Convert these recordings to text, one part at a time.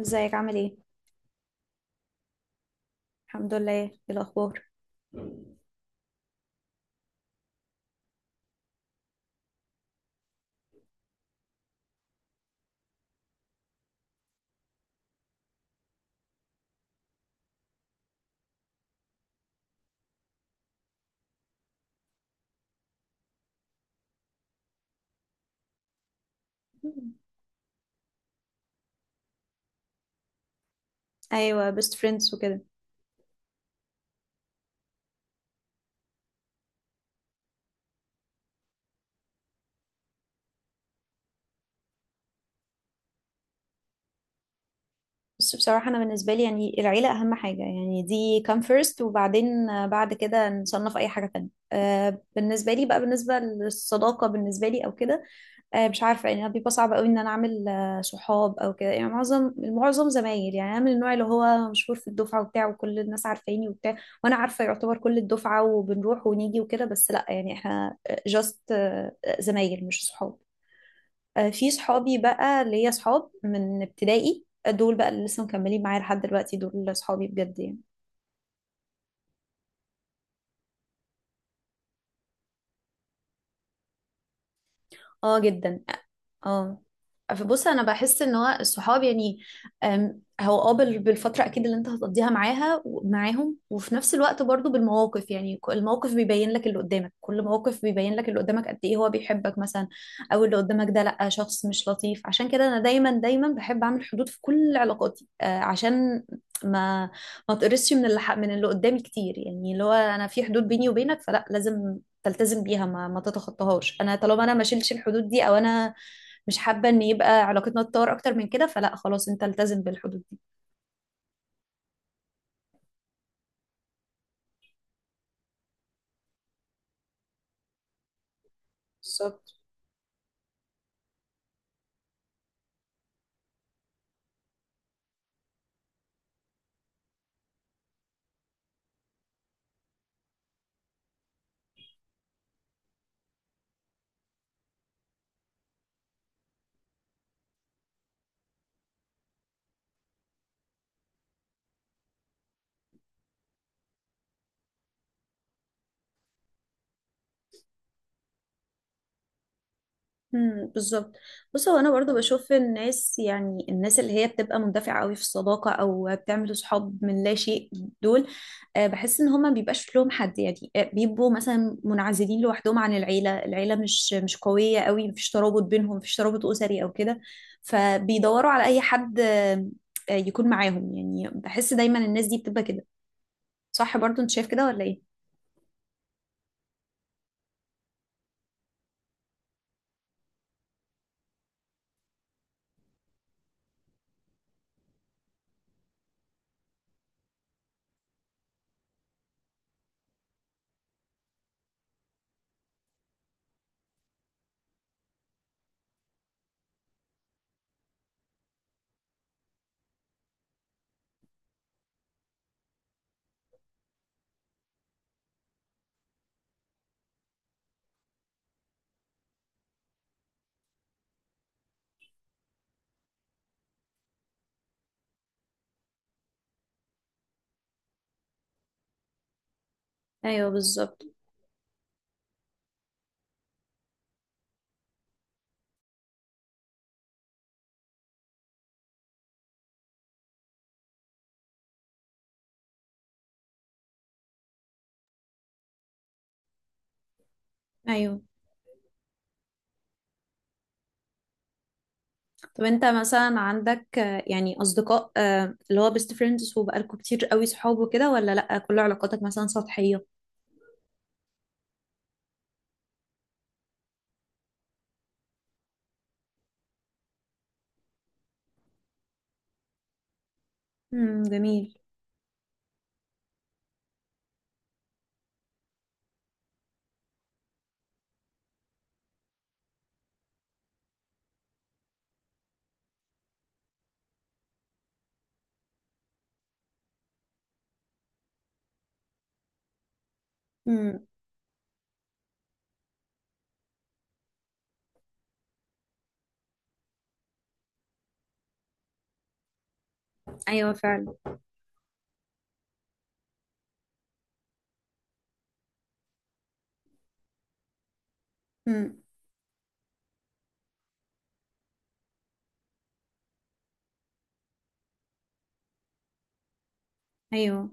ازيك، عامل ايه؟ الحمد لله. ايه الاخبار؟ ايوه، بيست فريندز وكده. بس بصراحة، أنا بالنسبة لي يعني العيلة أهم حاجة، يعني دي come first، وبعدين بعد كده نصنف أي حاجة تانية. بالنسبة لي بقى، بالنسبة للصداقة بالنسبة لي أو كده. مش عارفة، يعني بيبقى صعب أوي إن أنا أعمل صحاب أو كده، يعني معظم زمايل. يعني أنا من النوع اللي هو مشهور في الدفعة وبتاع، وكل الناس عارفاني وبتاع. وأنا عارفة يعتبر كل الدفعة، وبنروح ونيجي وكده، بس لأ، يعني إحنا just، زمايل مش صحاب. في صحابي بقى، ليا صحاب من ابتدائي، دول بقى اللي لسه مكملين معايا لحد دلوقتي، دول صحابي بجد يعني. اه، جدا. اه. فبص، انا بحس ان هو الصحاب يعني، هو بالفتره اكيد اللي انت هتقضيها معاهم، وفي نفس الوقت برضو بالمواقف يعني، الموقف بيبين لك اللي قدامك، كل موقف بيبين لك اللي قدامك قد ايه هو بيحبك مثلا، او اللي قدامك ده لا، شخص مش لطيف. عشان كده انا دايما دايما بحب اعمل حدود في كل علاقاتي، عشان ما ما تقرصش من اللي قدامي كتير، يعني اللي هو انا في حدود بيني وبينك، فلا لازم تلتزم بيها، ما تتخطاهاش. انا طالما انا ما شيلش الحدود دي، او انا مش حابه ان يبقى علاقتنا تتطور اكتر من كده، فلا خلاص، انت التزم بالحدود دي. بالظبط. امم، بالظبط. بص، هو انا برضو بشوف الناس، يعني الناس اللي هي بتبقى مندفعه قوي في الصداقه، او بتعمل صحاب من لا شيء، دول بحس ان هما بيبقاش لهم حد يعني، بيبقوا مثلا منعزلين لوحدهم عن العيله. العيله مش قويه قوي، مفيش ترابط بينهم، مفيش ترابط اسري او كده، فبيدوروا على اي حد يكون معاهم يعني. بحس دايما الناس دي بتبقى كده. صح؟ برضو انت شايف كده ولا ايه؟ ايوه، بالظبط. ايوه. طب انت مثلا عندك يعني اصدقاء، اللي هو بيست فريندز، وبقالكوا كتير قوي صحاب وكده، ولا لا، كل علاقاتك مثلا سطحية؟ امم، جميل. امم. ايوه فعلا. امم. ايوه،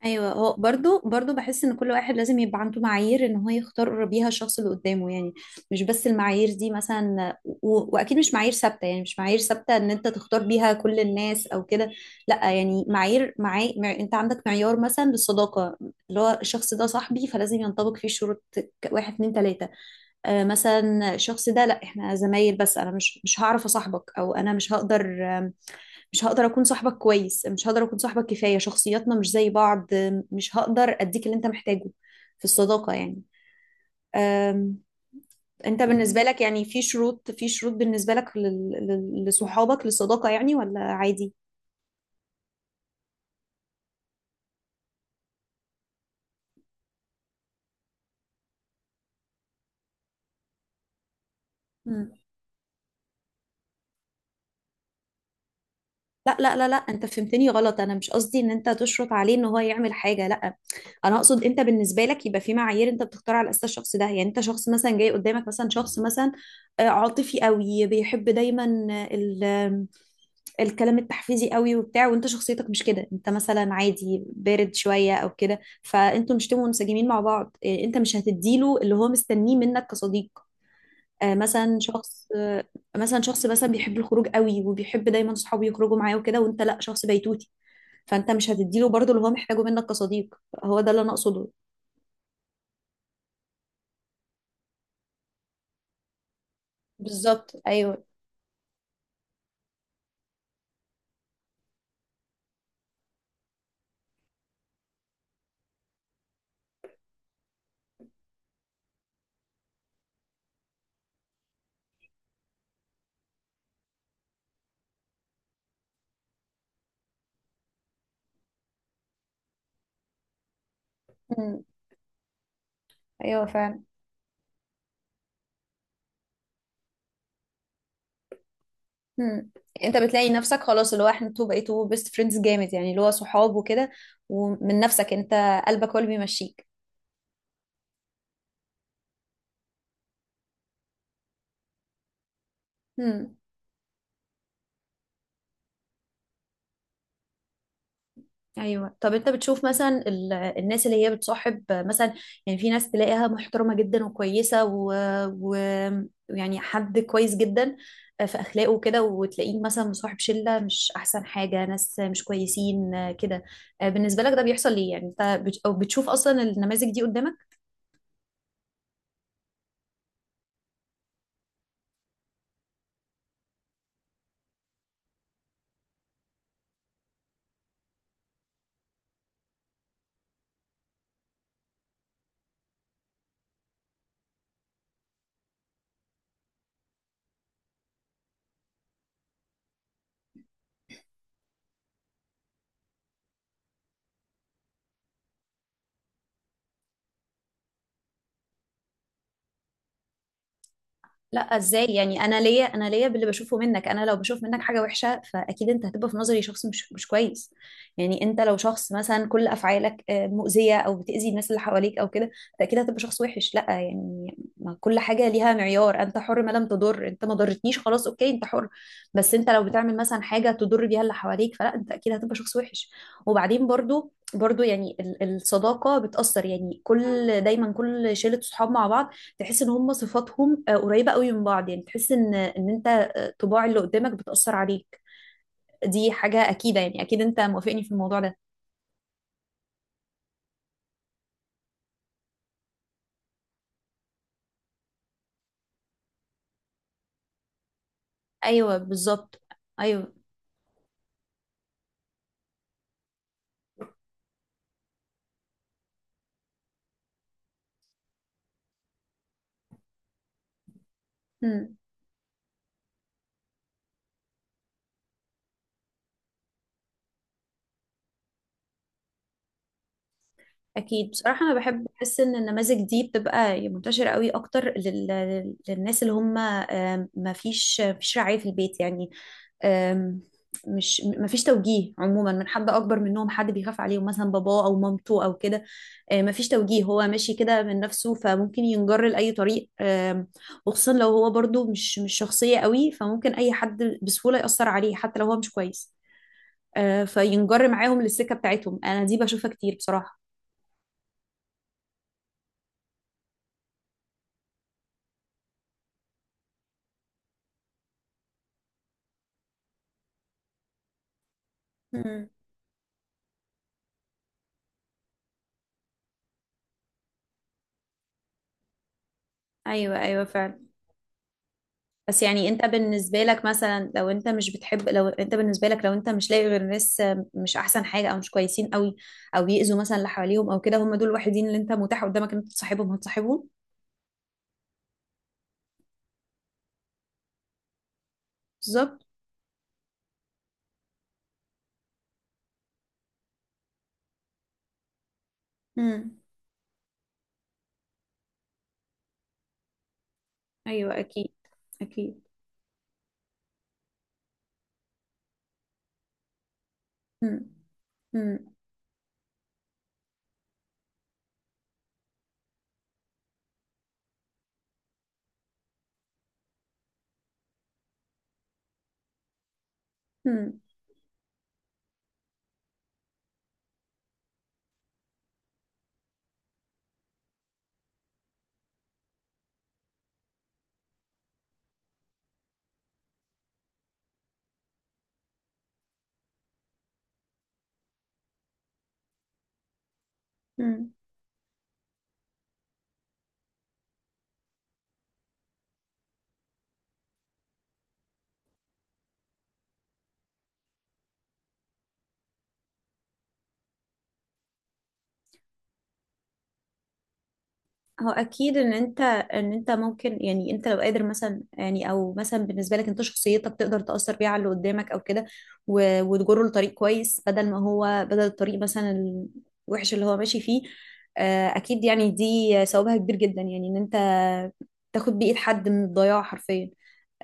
ايوه، هو برضو بحس ان كل واحد لازم يبقى عنده معايير ان هو يختار بيها الشخص اللي قدامه يعني. مش بس المعايير دي مثلا، واكيد مش معايير ثابته، يعني مش معايير ثابته ان انت تختار بيها كل الناس او كده. لا يعني، انت عندك معيار مثلا للصداقه، اللي هو الشخص ده صاحبي، فلازم ينطبق فيه شروط، واحد، اتنين، تلاته. مثلا الشخص ده لا، احنا زمايل، بس انا مش هعرف اصاحبك، او انا مش هقدر، مش هقدر اكون صاحبك كويس، مش هقدر اكون صاحبك كفايه، شخصياتنا مش زي بعض، مش هقدر اديك اللي انت محتاجه في الصداقه يعني. أم، انت بالنسبه لك، يعني في شروط، في شروط بالنسبه لك لصحابك، للصداقه يعني، ولا عادي؟ مم. لا، لا، لا، لا، انت فهمتني غلط، انا مش قصدي ان انت تشرط عليه ان هو يعمل حاجه، لا. انا اقصد انت بالنسبه لك يبقى في معايير انت بتختار على اساس الشخص ده، يعني انت شخص مثلا، جاي قدامك مثلا شخص مثلا عاطفي قوي، بيحب دايما الكلام التحفيزي قوي وبتاع، وانت شخصيتك مش كده، انت مثلا عادي، بارد شويه او كده، فانتوا مشتموا منسجمين مع بعض، انت مش هتديله اللي هو مستنيه منك كصديق. آه، مثلا شخص آه، مثلا شخص مثلا بيحب الخروج قوي، وبيحب دايما صحابه يخرجوا معاه وكده، وانت لا، شخص بيتوتي، فانت مش هتديله برضه اللي هو محتاجه منك كصديق. هو ده اللي انا اقصده. بالظبط، ايوه. مم. ايوه فعلا. مم. انت بتلاقي نفسك خلاص اللي هو احنا انتوا بقيتوا بيست فريندز جامد، يعني اللي هو صحاب وكده، ومن نفسك انت، قلبك هو اللي بيمشيك. مم. ايوه. طب انت بتشوف مثلا الناس اللي هي بتصاحب مثلا، يعني في ناس تلاقيها محترمه جدا وكويسه و... يعني حد كويس جدا في اخلاقه وكده، وتلاقيه مثلا مصاحب شله مش احسن حاجه، ناس مش كويسين كده. بالنسبه لك ده بيحصل ليه؟ يعني انت بت... أو بتشوف اصلا النماذج دي قدامك؟ لا، ازاي يعني؟ انا ليا باللي بشوفه منك، انا لو بشوف منك حاجه وحشه فاكيد انت هتبقى في نظري شخص مش كويس. يعني انت لو شخص مثلا كل افعالك مؤذيه، او بتاذي الناس اللي حواليك او كده، فاكيد هتبقى شخص وحش. لا يعني، ما كل حاجه ليها معيار، انت حر ما لم تضر، انت ما ضرتنيش خلاص، اوكي، انت حر. بس انت لو بتعمل مثلا حاجه تضر بيها اللي حواليك، فلا، انت اكيد هتبقى شخص وحش. وبعدين برضو يعني الصداقه بتاثر، يعني دايما كل شله صحاب مع بعض، تحس ان هم صفاتهم قريبه قوي من بعض، يعني تحس ان انت طباع اللي قدامك بتاثر عليك. دي حاجه اكيده يعني، اكيد انت موافقني في الموضوع ده. ايوه بالظبط. ايوه. مم. اكيد. بصراحه انا بحب احس ان النماذج دي بتبقى منتشره قوي اكتر للناس اللي هم ما فيش رعايه في البيت يعني. آم، مش ما فيش توجيه عموما من حد اكبر منهم، حد بيخاف عليهم مثلا، باباه او مامته او كده. ما فيش توجيه، هو ماشي كده من نفسه، فممكن ينجر لاي طريق. وخصوصا لو هو برضو مش شخصيه قوي، فممكن اي حد بسهوله ياثر عليه، حتى لو هو مش كويس. فينجر معاهم للسكه بتاعتهم. انا دي بشوفها كتير بصراحه. ايوه، ايوه، فعلا. بس يعني انت بالنسبه لك مثلا، لو انت مش بتحب لو انت بالنسبه لك لو انت مش لاقي غير ناس مش احسن حاجه، او مش كويسين قوي، او يأذوا مثلا اللي حواليهم او كده، هم دول الوحيدين اللي انت متاح قدامك ان انت تصاحبهم، هتصاحبهم؟ بالظبط. امم. ايوه، اكيد، اكيد. امم. امم. امم. هو اكيد ان انت ممكن يعني انت لو قادر مثلا، يعني او مثلا بالنسبه لك، انت شخصيتك تقدر تاثر بيها على اللي قدامك او كده، وتجره لطريق كويس، بدل ما هو بدل الطريق مثلا الوحش اللي هو ماشي فيه. اكيد، يعني دي ثوابها كبير جدا، يعني ان انت تاخد بايد حد من الضياع حرفيا.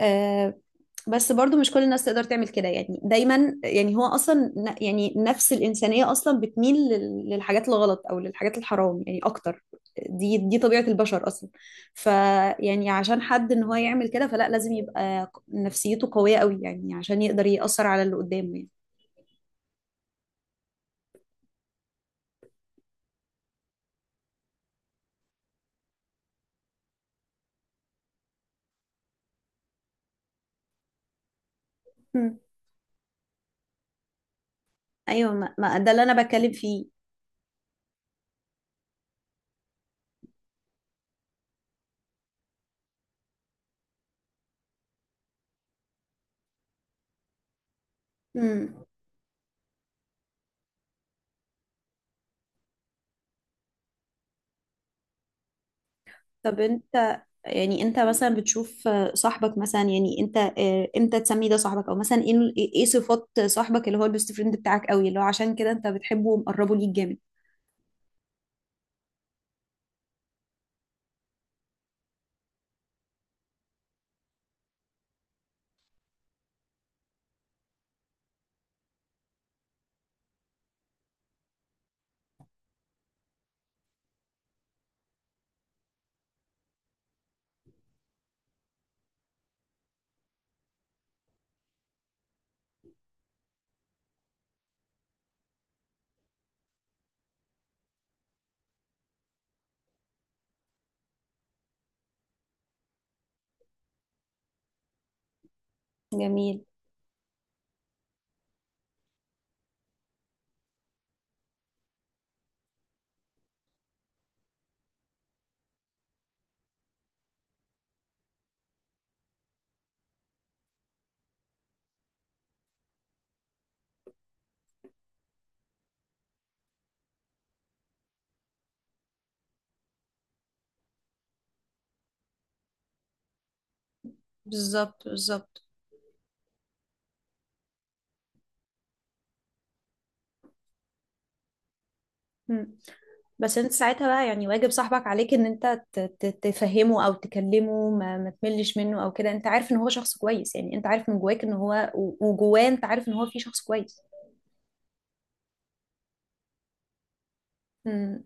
آه، بس برضو مش كل الناس تقدر تعمل كده يعني، دايما يعني هو اصلا يعني نفس الانسانيه اصلا بتميل للحاجات الغلط، او للحاجات الحرام يعني اكتر. دي طبيعة البشر أصلا. فيعني عشان حد إن هو يعمل كده، فلا، لازم يبقى نفسيته قوية قوي، يعني عشان يقدر يأثر على اللي قدامه يعني. مم. أيوة، ما ده اللي أنا بتكلم فيه. مم. طب انت يعني انت مثلا بتشوف صاحبك مثلا، يعني انت امتى تسمي ده صاحبك، او مثلا ايه صفات صاحبك اللي هو البيست فريند بتاعك قوي، اللي هو عشان كده انت بتحبه ومقربه ليك جامد؟ جميل. بالظبط، بالظبط. مم. بس انت ساعتها بقى يعني واجب صاحبك عليك ان انت تفهمه او تكلمه، ما تملش منه او كده، انت عارف ان هو شخص كويس يعني، انت عارف من جواك ان هو وجواه، انت عارف ان هو في شخص كويس. امم.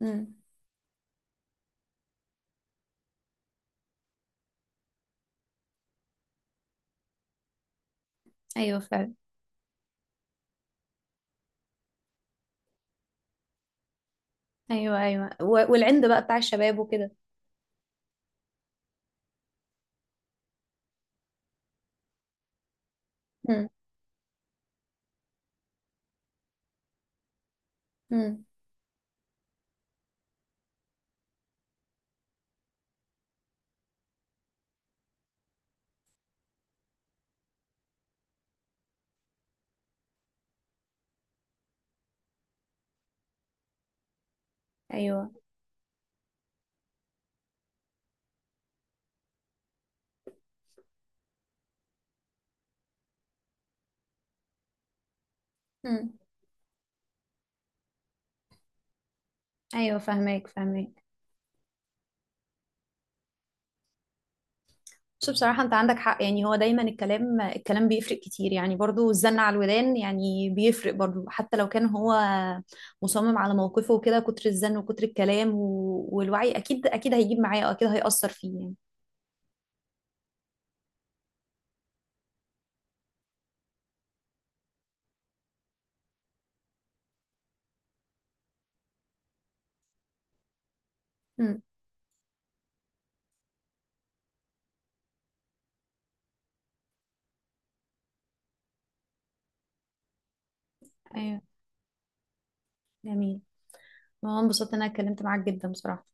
امم. ايوه فعلا. ايوه، ايوه، والعند بقى بتاع الشباب وكده. مم. مم. ايوه. مم. ايوه، فاهمك، فاهمك. بس بصراحه انت عندك حق، يعني هو دايما الكلام الكلام بيفرق كتير، يعني برضو الزن على الودان يعني بيفرق برضو، حتى لو كان هو مصمم على موقفه وكده، كتر الزن وكتر الكلام والوعي اكيد اكيد هيجيب معاه، واكيد هيأثر فيه يعني. مم. ايوه. جميل. وانا انبسطت ان انا اتكلمت معاك جدا بصراحه.